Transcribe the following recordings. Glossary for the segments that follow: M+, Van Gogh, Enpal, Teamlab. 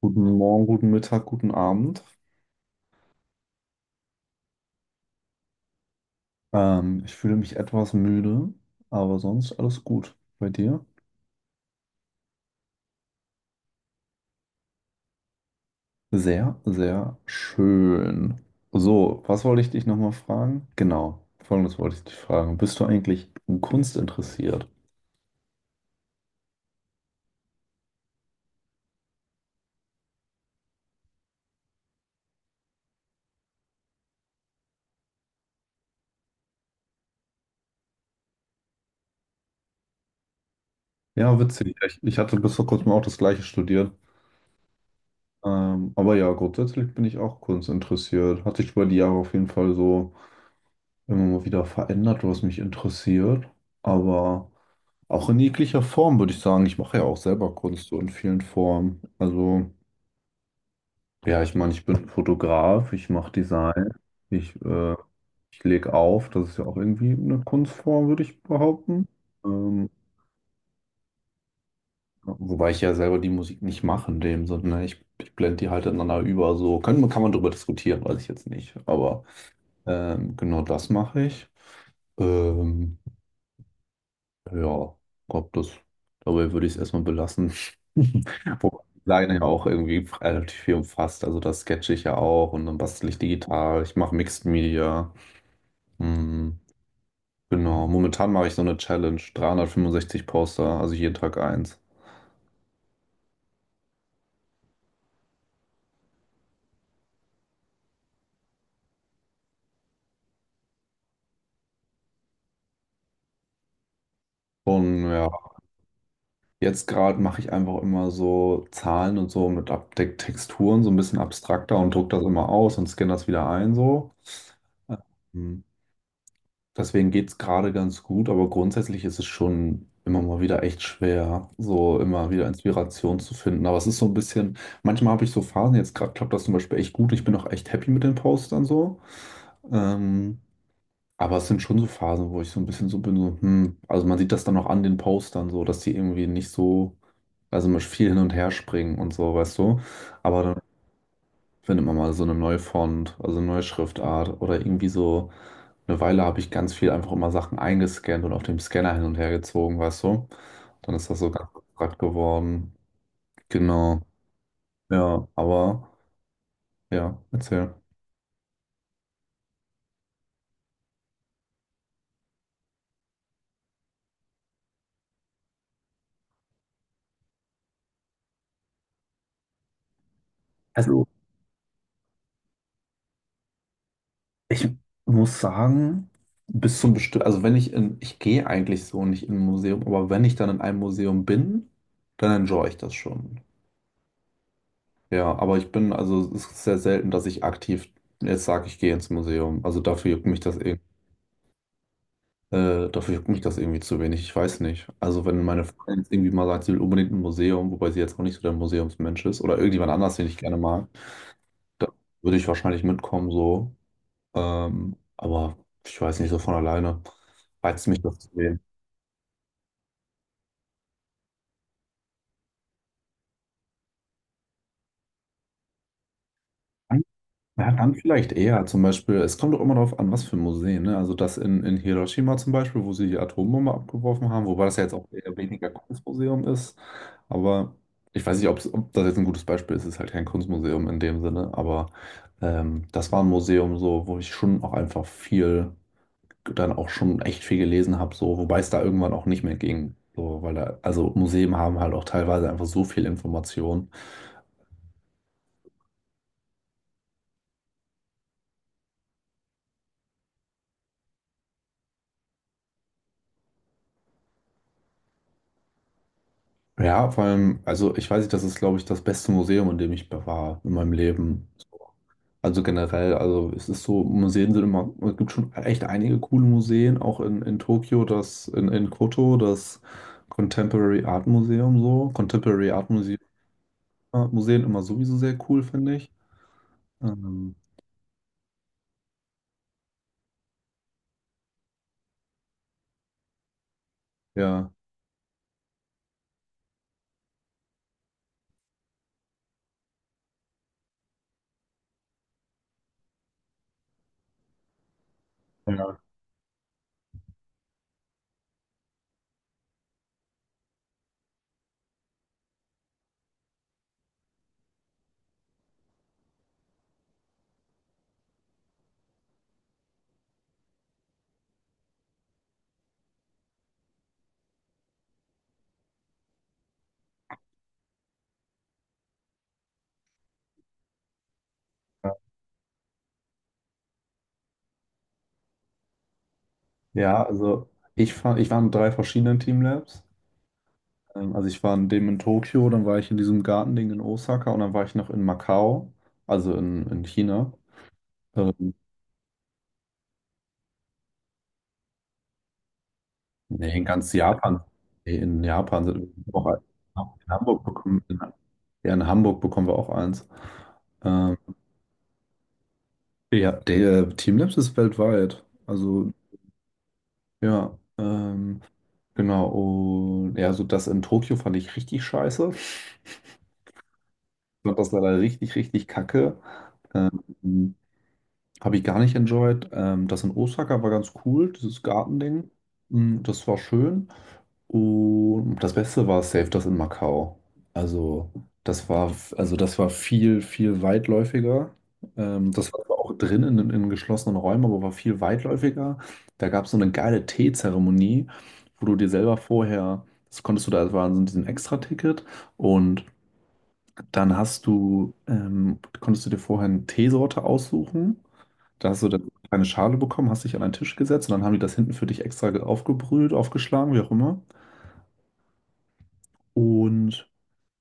Guten Morgen, guten Mittag, guten Abend. Ich fühle mich etwas müde, aber sonst alles gut. Bei dir? Sehr, sehr schön. So, was wollte ich dich nochmal fragen? Genau, folgendes wollte ich dich fragen. Bist du eigentlich in Kunst interessiert? Ja, witzig. Ich hatte bis vor kurzem auch das Gleiche studiert. Aber ja, grundsätzlich bin ich auch kunstinteressiert. Hat sich über die Jahre auf jeden Fall so immer mal wieder verändert, was mich interessiert. Aber. Auch in jeglicher Form würde ich sagen. Ich mache ja auch selber Kunst so in vielen Formen. Also, ja, ich meine, ich bin Fotograf, ich mache Design, ich, ich lege auf. Das ist ja auch irgendwie eine Kunstform, würde ich behaupten. Ähm, Wobei ich ja selber die Musik nicht mache in dem Sinne, ne? Ich blende die halt ineinander über. So können, kann man darüber diskutieren, weiß ich jetzt nicht. Aber genau das mache ich. Ähm, Ja, glaub das. Dabei würde ich es erstmal belassen. Wobei die Leine ja auch irgendwie relativ viel umfasst. Also das sketche ich ja auch und dann bastel ich digital. Ich mache Mixed Media. Hm, genau. Momentan mache ich so eine Challenge. 365 Poster, also jeden Tag eins. Und ja, jetzt gerade mache ich einfach immer so Zahlen und so mit Abdeck Texturen, so ein bisschen abstrakter und druck das immer aus und scanne das wieder ein so. Ähm, Deswegen geht's gerade ganz gut, aber grundsätzlich ist es schon immer mal wieder echt schwer, so immer wieder Inspiration zu finden. Aber es ist so ein bisschen, manchmal habe ich so Phasen, jetzt gerade klappt das zum Beispiel echt gut, ich bin auch echt happy mit den Postern so. Ähm, aber es sind schon so Phasen, wo ich so ein bisschen so bin, so, hm, also man sieht das dann auch an den Postern so, dass die irgendwie nicht so, also man viel hin und her springen und so, weißt du. Aber dann findet man mal so eine neue Font, also eine neue Schriftart oder irgendwie so. Eine Weile habe ich ganz viel einfach immer Sachen eingescannt und auf dem Scanner hin und her gezogen, weißt du? Dann ist das so ganz abstrakt geworden. Genau. Ja, aber ja, erzähl. Also ich muss sagen, bis zum bestimmten, also wenn ich in, ich gehe eigentlich so nicht in ein Museum, aber wenn ich dann in einem Museum bin, dann enjoy ich das schon. Ja, aber ich bin, also es ist sehr selten, dass ich aktiv jetzt sage, ich gehe ins Museum. Also dafür juckt mich das irgendwie, dafür juckt mich das irgendwie zu wenig. Ich weiß nicht. Also wenn meine Freundin jetzt irgendwie mal sagt, sie will unbedingt ein Museum, wobei sie jetzt auch nicht so der Museumsmensch ist oder irgendjemand anders, den ich gerne mag, dann würde ich wahrscheinlich mitkommen so. Aber ich weiß nicht, so von alleine reizt mich das zu sehen. Ja, dann vielleicht eher zum Beispiel, es kommt doch immer darauf an, was für Museen, ne? Also das in Hiroshima zum Beispiel, wo sie die Atombombe abgeworfen haben, wobei das ja jetzt auch eher weniger Kunstmuseum ist. Aber ich weiß nicht, ob's, ob das jetzt ein gutes Beispiel ist, es ist halt kein Kunstmuseum in dem Sinne, aber das war ein Museum so, wo ich schon auch einfach viel, dann auch schon echt viel gelesen habe, so, wobei es da irgendwann auch nicht mehr ging. So, weil da, also Museen haben halt auch teilweise einfach so viel Information. Ja, vor allem, also ich weiß nicht, das ist, glaube ich, das beste Museum, in dem ich war in meinem Leben. Also generell, also es ist so, Museen sind immer, es gibt schon echt einige coole Museen, auch in Tokio, das, in Koto, das Contemporary Art Museum so. Contemporary Art Museum, Museen immer sowieso sehr cool, finde ich. Ähm, ja. Ja, ja, Ja, also ich, ich war in 3 verschiedenen Teamlabs. Also ich war in dem in Tokio, dann war ich in diesem Gartending in Osaka und dann war ich noch in Macau, also in China. Ähm, nee, in ganz Japan. Nee, in Japan sind wir auch in Hamburg bekommen. In, ja, in Hamburg bekommen wir auch eins. Ähm, ja, der Teamlabs ist weltweit. Also ja, genau. Und ja, so das in Tokio fand ich richtig scheiße. Ich fand das leider richtig, richtig kacke. Ähm, Habe ich gar nicht enjoyed. Das in Osaka war ganz cool, dieses Gartending. Mm, Das war schön. Und das Beste war safe das in Macau. Also also das war viel, viel weitläufiger. Das war zwar auch drin in geschlossenen Räumen, aber war viel weitläufiger. Da gab es so eine geile Teezeremonie, wo du dir selber vorher, das konntest du da, das war so ein Extra-Ticket und dann hast du, konntest du dir vorher eine Teesorte aussuchen. Da hast du dann eine Schale bekommen, hast dich an einen Tisch gesetzt und dann haben die das hinten für dich extra aufgebrüht, aufgeschlagen, wie auch immer. Und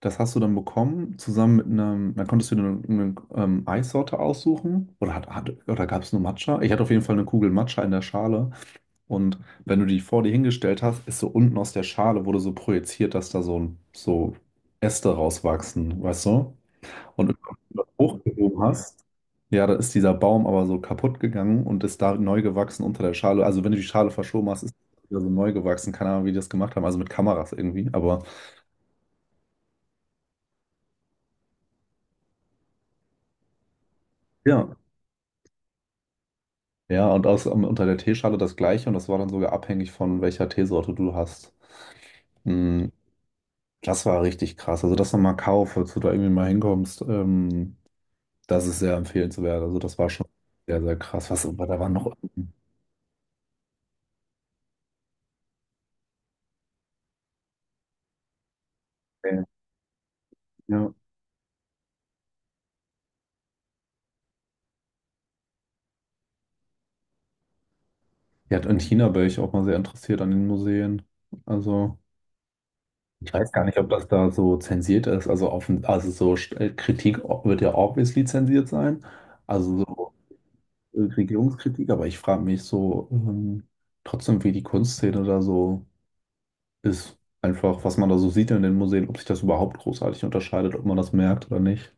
das hast du dann bekommen, zusammen mit einem, dann konntest du dir eine Eissorte aussuchen oder, hat, hat, oder gab es nur Matcha? Ich hatte auf jeden Fall eine Kugel Matcha in der Schale und wenn du die vor dir hingestellt hast, ist so unten aus der Schale wurde so projiziert, dass da so, so Äste rauswachsen, weißt du? Und wenn du das hochgehoben hast, ja, da ist dieser Baum aber so kaputt gegangen und ist da neu gewachsen unter der Schale. Also wenn du die Schale verschoben hast, ist es wieder so neu gewachsen. Keine Ahnung, wie die das gemacht haben. Also mit Kameras irgendwie. Aber ja. Ja, und aus, um, unter der Teeschale das gleiche. Und das war dann sogar abhängig von welcher Teesorte du hast. Mm, Das war richtig krass. Also das nochmal Macau, falls du da irgendwie mal hinkommst, das ist sehr empfehlenswert. Also das war schon sehr, sehr krass. Was, aber da war noch... Ja. Ja, und China wäre ich auch mal sehr interessiert an den Museen. Also... Ich weiß gar nicht, ob das da so zensiert ist. Also, offen, also so Kritik wird ja obviously zensiert sein. Also so Regierungskritik, aber ich frage mich so trotzdem, wie die Kunstszene da so ist. Einfach, was man da so sieht in den Museen, ob sich das überhaupt großartig unterscheidet, ob man das merkt oder nicht.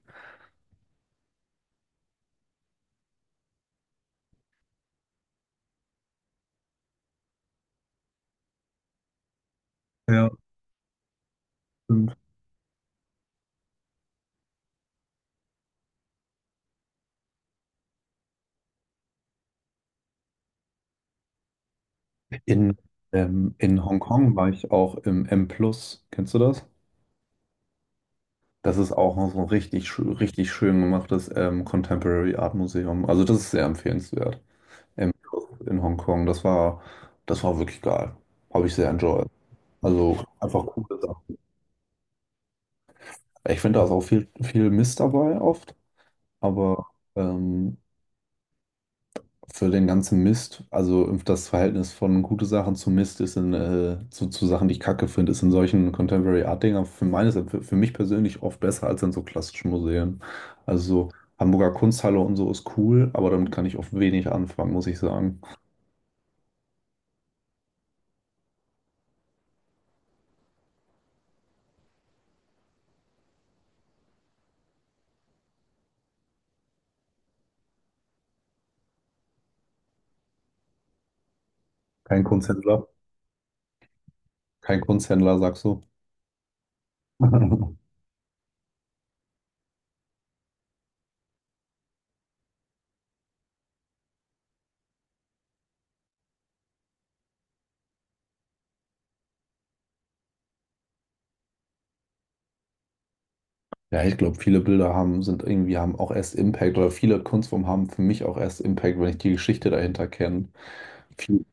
Ja, stimmt. In, in Hongkong war ich auch im M+. Plus. Kennst du das? Das ist auch so ein richtig, richtig schön gemachtes Contemporary Art Museum. Also das ist sehr empfehlenswert. Im, in Hongkong. Das war wirklich geil. Habe ich sehr enjoyed. Also einfach coole Sachen. Ich finde, da ist auch viel, viel Mist dabei oft, aber ähm, für den ganzen Mist, also das Verhältnis von gute Sachen zu Mist ist in, zu Sachen, die ich kacke finde, ist in solchen Contemporary Art Dingern für meines, für mich persönlich oft besser als in so klassischen Museen. Also so Hamburger Kunsthalle und so ist cool, aber damit kann ich oft wenig anfangen, muss ich sagen. Kein Kunsthändler, kein Kunsthändler, sagst du? Ja, ich glaube, viele Bilder haben, sind irgendwie, haben auch erst Impact oder viele Kunstformen haben für mich auch erst Impact, wenn ich die Geschichte dahinter kenne. Viel,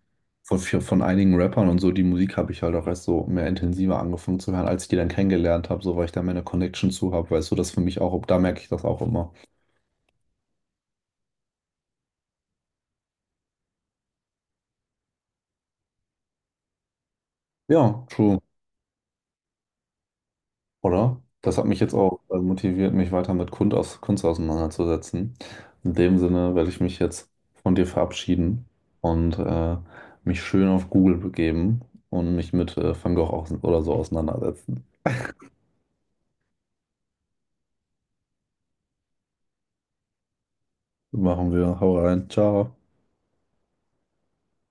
von einigen Rappern und so, die Musik habe ich halt auch erst so mehr intensiver angefangen zu hören, als ich die dann kennengelernt habe, so weil ich da meine Connection zu habe, weißt du, das für mich auch, da merke ich das auch immer. Ja, true. Oder? Das hat mich jetzt auch motiviert, mich weiter mit Kunst, aus, Kunst auseinanderzusetzen. In dem Sinne werde ich mich jetzt von dir verabschieden und mich schön auf Google begeben und mich mit Van Gogh aus, oder so auseinandersetzen. Machen wir. Hau rein. Ciao.